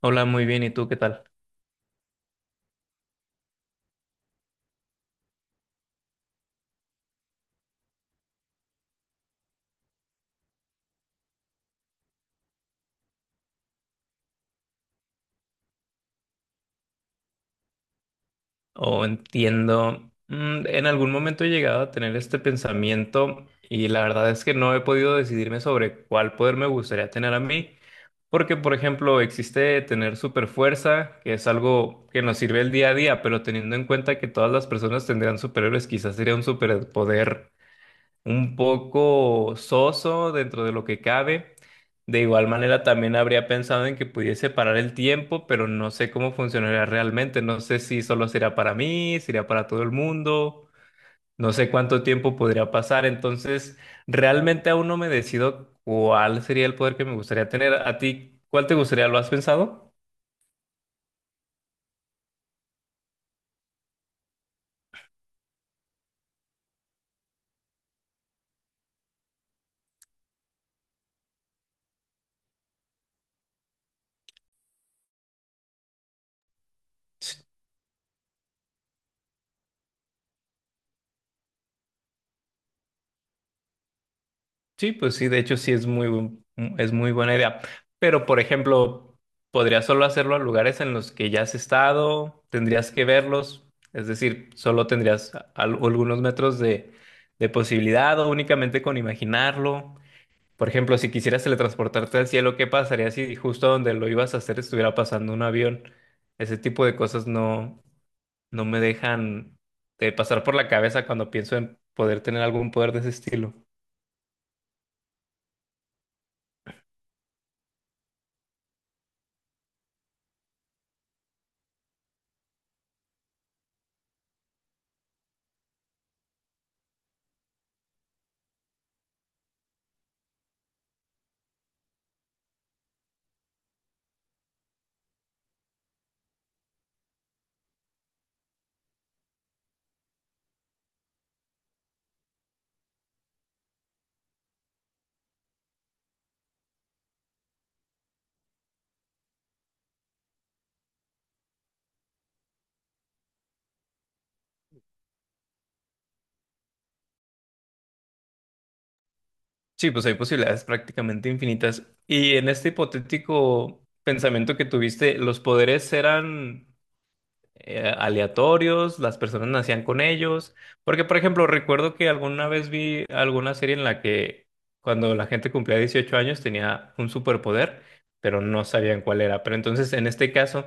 Hola, muy bien. ¿Y tú qué tal? O entiendo. En algún momento he llegado a tener este pensamiento y la verdad es que no he podido decidirme sobre cuál poder me gustaría tener a mí. Porque, por ejemplo, existe tener super fuerza, que es algo que nos sirve el día a día, pero teniendo en cuenta que todas las personas tendrán superhéroes, quizás sería un superpoder un poco soso dentro de lo que cabe. De igual manera, también habría pensado en que pudiese parar el tiempo, pero no sé cómo funcionaría realmente. No sé si solo será para mí, será para todo el mundo. No sé cuánto tiempo podría pasar. Entonces, realmente aún no me decido cuál sería el poder que me gustaría tener. ¿A ti cuál te gustaría? ¿Lo has pensado? Sí, pues sí, de hecho sí es es muy buena idea. Pero, por ejemplo, podrías solo hacerlo a lugares en los que ya has estado, tendrías que verlos, es decir, solo tendrías algunos metros de posibilidad o únicamente con imaginarlo. Por ejemplo, si quisieras teletransportarte al cielo, ¿qué pasaría si justo donde lo ibas a hacer estuviera pasando un avión? Ese tipo de cosas no me dejan de pasar por la cabeza cuando pienso en poder tener algún poder de ese estilo. Sí, pues hay posibilidades prácticamente infinitas. Y en este hipotético pensamiento que tuviste, ¿los poderes eran aleatorios? ¿Las personas nacían con ellos? Porque, por ejemplo, recuerdo que alguna vez vi alguna serie en la que cuando la gente cumplía 18 años tenía un superpoder, pero no sabían cuál era. Pero entonces, en este caso,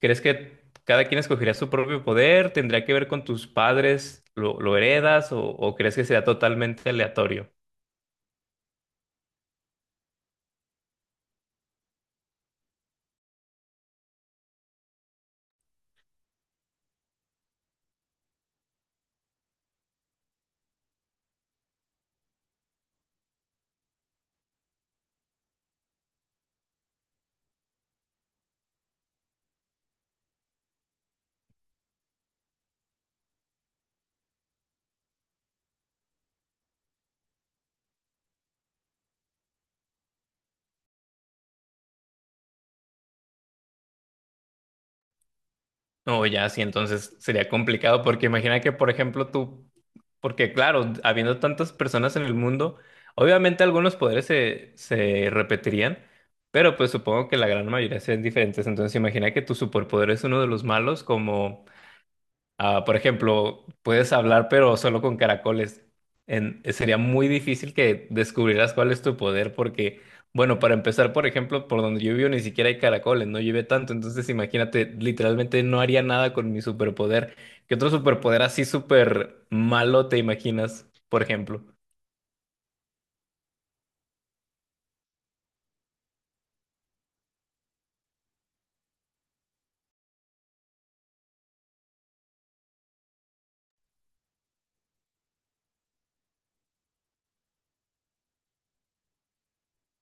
¿crees que cada quien escogería su propio poder? ¿Tendría que ver con tus padres? ¿Lo heredas? O crees que sería totalmente aleatorio? No, ya, sí, entonces sería complicado porque imagina que, por ejemplo, tú, porque claro, habiendo tantas personas en el mundo, obviamente algunos poderes se repetirían, pero pues supongo que la gran mayoría serían diferentes. Entonces imagina que tu superpoder es uno de los malos, como... Ah, por ejemplo, puedes hablar pero solo con caracoles. Sería muy difícil que descubrieras cuál es tu poder porque, bueno, para empezar, por ejemplo, por donde yo vivo ni siquiera hay caracoles, no llueve tanto, entonces imagínate, literalmente no haría nada con mi superpoder. ¿Qué otro superpoder así súper malo te imaginas, por ejemplo?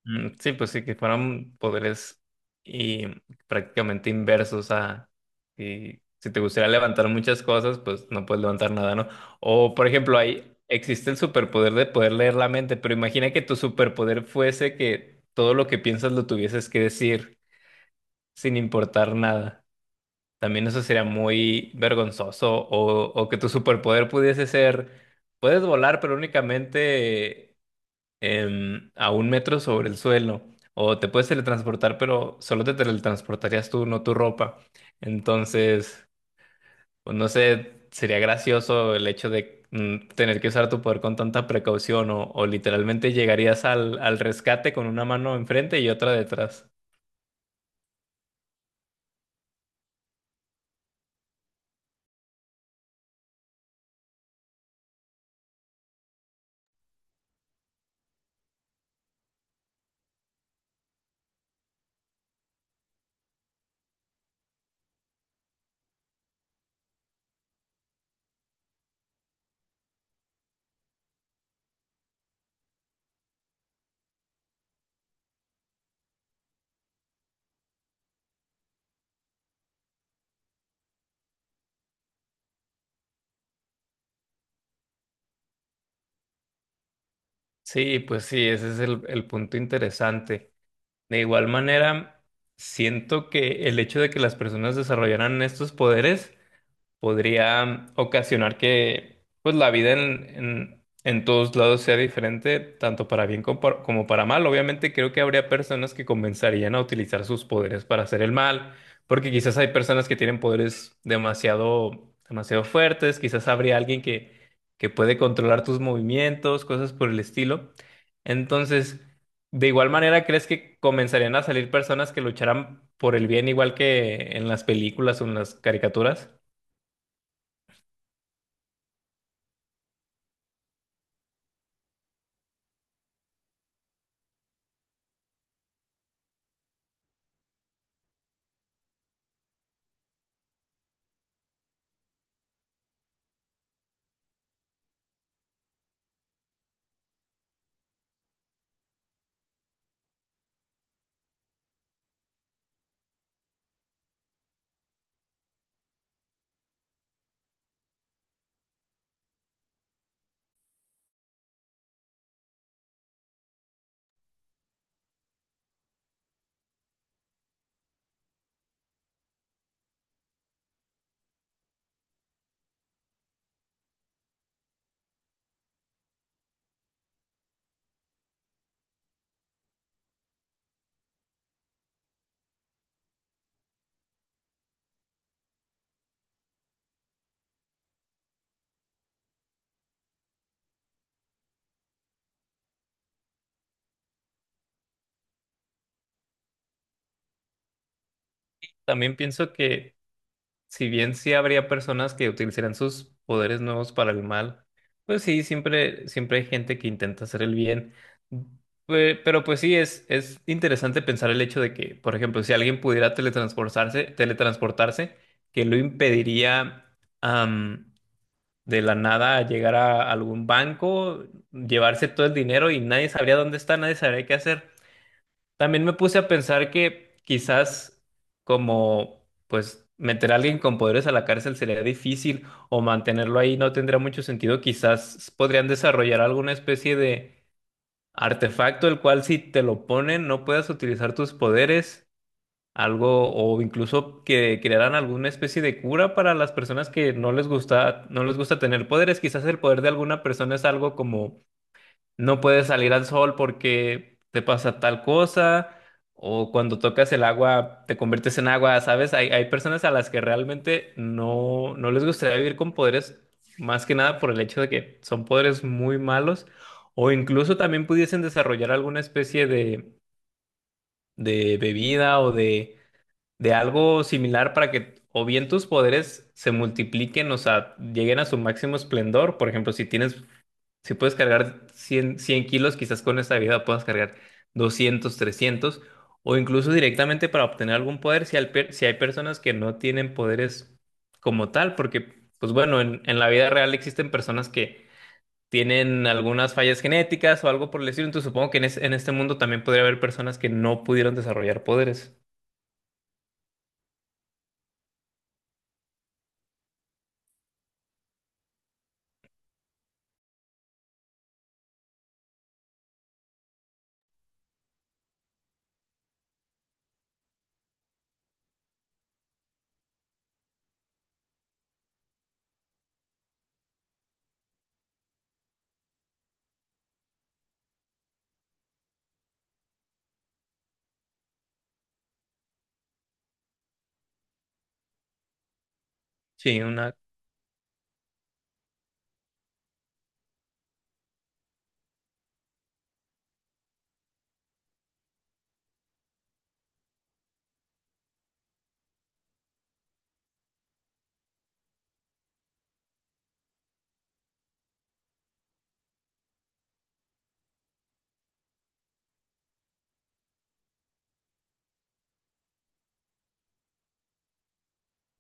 Sí, pues sí, que fueran poderes y prácticamente inversos a si, si te gustaría levantar muchas cosas, pues no puedes levantar nada, ¿no? O por ejemplo, ahí existe el superpoder de poder leer la mente, pero imagina que tu superpoder fuese que todo lo que piensas lo tuvieses que decir sin importar nada. También eso sería muy vergonzoso. O que tu superpoder pudiese ser, puedes volar, pero únicamente a un metro sobre el suelo. O te puedes teletransportar, pero solo te teletransportarías tú, no tu ropa. Entonces, pues no sé, sería gracioso el hecho de tener que usar tu poder con tanta precaución o literalmente llegarías al rescate con una mano enfrente y otra detrás. Sí, pues sí, ese es el punto interesante. De igual manera, siento que el hecho de que las personas desarrollaran estos poderes podría ocasionar que pues la vida en todos lados sea diferente, tanto para bien como como para mal. Obviamente creo que habría personas que comenzarían a utilizar sus poderes para hacer el mal, porque quizás hay personas que tienen poderes demasiado, demasiado fuertes, quizás habría alguien que puede controlar tus movimientos, cosas por el estilo. Entonces, de igual manera, ¿crees que comenzarían a salir personas que lucharán por el bien igual que en las películas o en las caricaturas? También pienso que si bien sí habría personas que utilizarían sus poderes nuevos para el mal, pues sí, siempre, siempre hay gente que intenta hacer el bien. Pero pues sí, es interesante pensar el hecho de que, por ejemplo, si alguien pudiera teletransportarse, que lo impediría am, de la nada llegar a algún banco, llevarse todo el dinero y nadie sabría dónde está, nadie sabría qué hacer. También me puse a pensar que quizás como pues meter a alguien con poderes a la cárcel sería difícil o mantenerlo ahí no tendría mucho sentido. Quizás podrían desarrollar alguna especie de artefacto el cual si te lo ponen no puedas utilizar tus poderes, algo o incluso que crearan alguna especie de cura para las personas que no les gusta tener poderes. Quizás el poder de alguna persona es algo como no puedes salir al sol porque te pasa tal cosa, o cuando tocas el agua te conviertes en agua, ¿sabes? Hay personas a las que realmente no, no les gustaría vivir con poderes, más que nada por el hecho de que son poderes muy malos, o incluso también pudiesen desarrollar alguna especie de bebida o de algo similar para que... O bien tus poderes se multipliquen, o sea, lleguen a su máximo esplendor. Por ejemplo, si puedes cargar 100 100 kilos, quizás con esta vida puedas cargar 200 300 o incluso directamente para obtener algún poder, si hay personas que no tienen poderes como tal, porque, pues bueno, en la vida real existen personas que tienen algunas fallas genéticas o algo por el estilo, entonces supongo que en este mundo también podría haber personas que no pudieron desarrollar poderes. Sí, una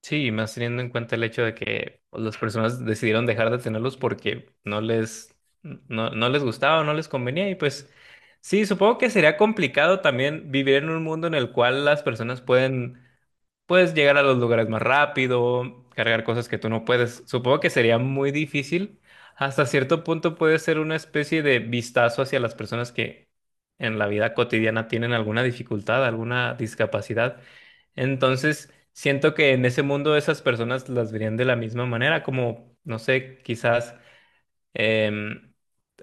Sí, y más teniendo en cuenta el hecho de que pues, las personas decidieron dejar de tenerlos porque no les gustaba, no les convenía y pues sí, supongo que sería complicado también vivir en un mundo en el cual las personas pueden Puedes llegar a los lugares más rápido, cargar cosas que tú no puedes. Supongo que sería muy difícil. Hasta cierto punto puede ser una especie de vistazo hacia las personas que en la vida cotidiana tienen alguna dificultad, alguna discapacidad. Entonces, siento que en ese mundo esas personas las verían de la misma manera, como, no sé, quizás... em,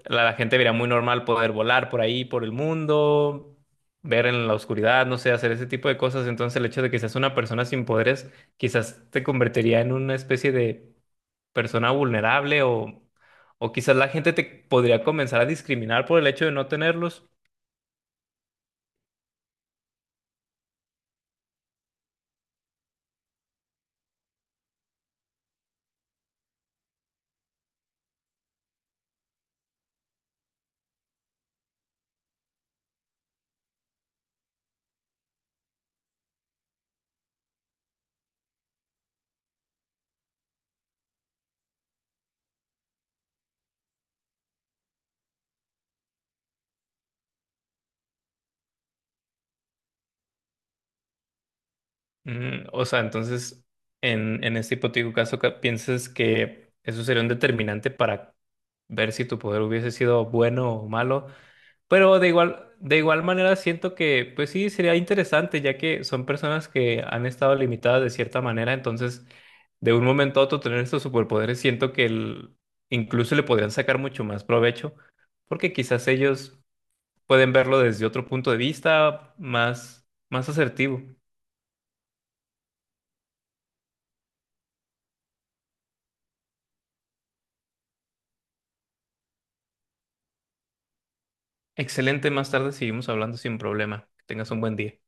la gente vería muy normal poder volar por ahí, por el mundo, ver en la oscuridad, no sé, hacer ese tipo de cosas. Entonces el hecho de que seas una persona sin poderes quizás te convertiría en una especie de persona vulnerable o quizás la gente te podría comenzar a discriminar por el hecho de no tenerlos. O sea, entonces en este hipotético caso, ¿qué ¿piensas que eso sería un determinante para ver si tu poder hubiese sido bueno o malo? Pero de igual manera siento que, pues sí, sería interesante, ya que son personas que han estado limitadas de cierta manera, entonces de un momento a otro tener estos superpoderes, siento que incluso le podrían sacar mucho más provecho, porque quizás ellos pueden verlo desde otro punto de vista más, más asertivo. Excelente, más tarde seguimos hablando sin problema. Que tengas un buen día.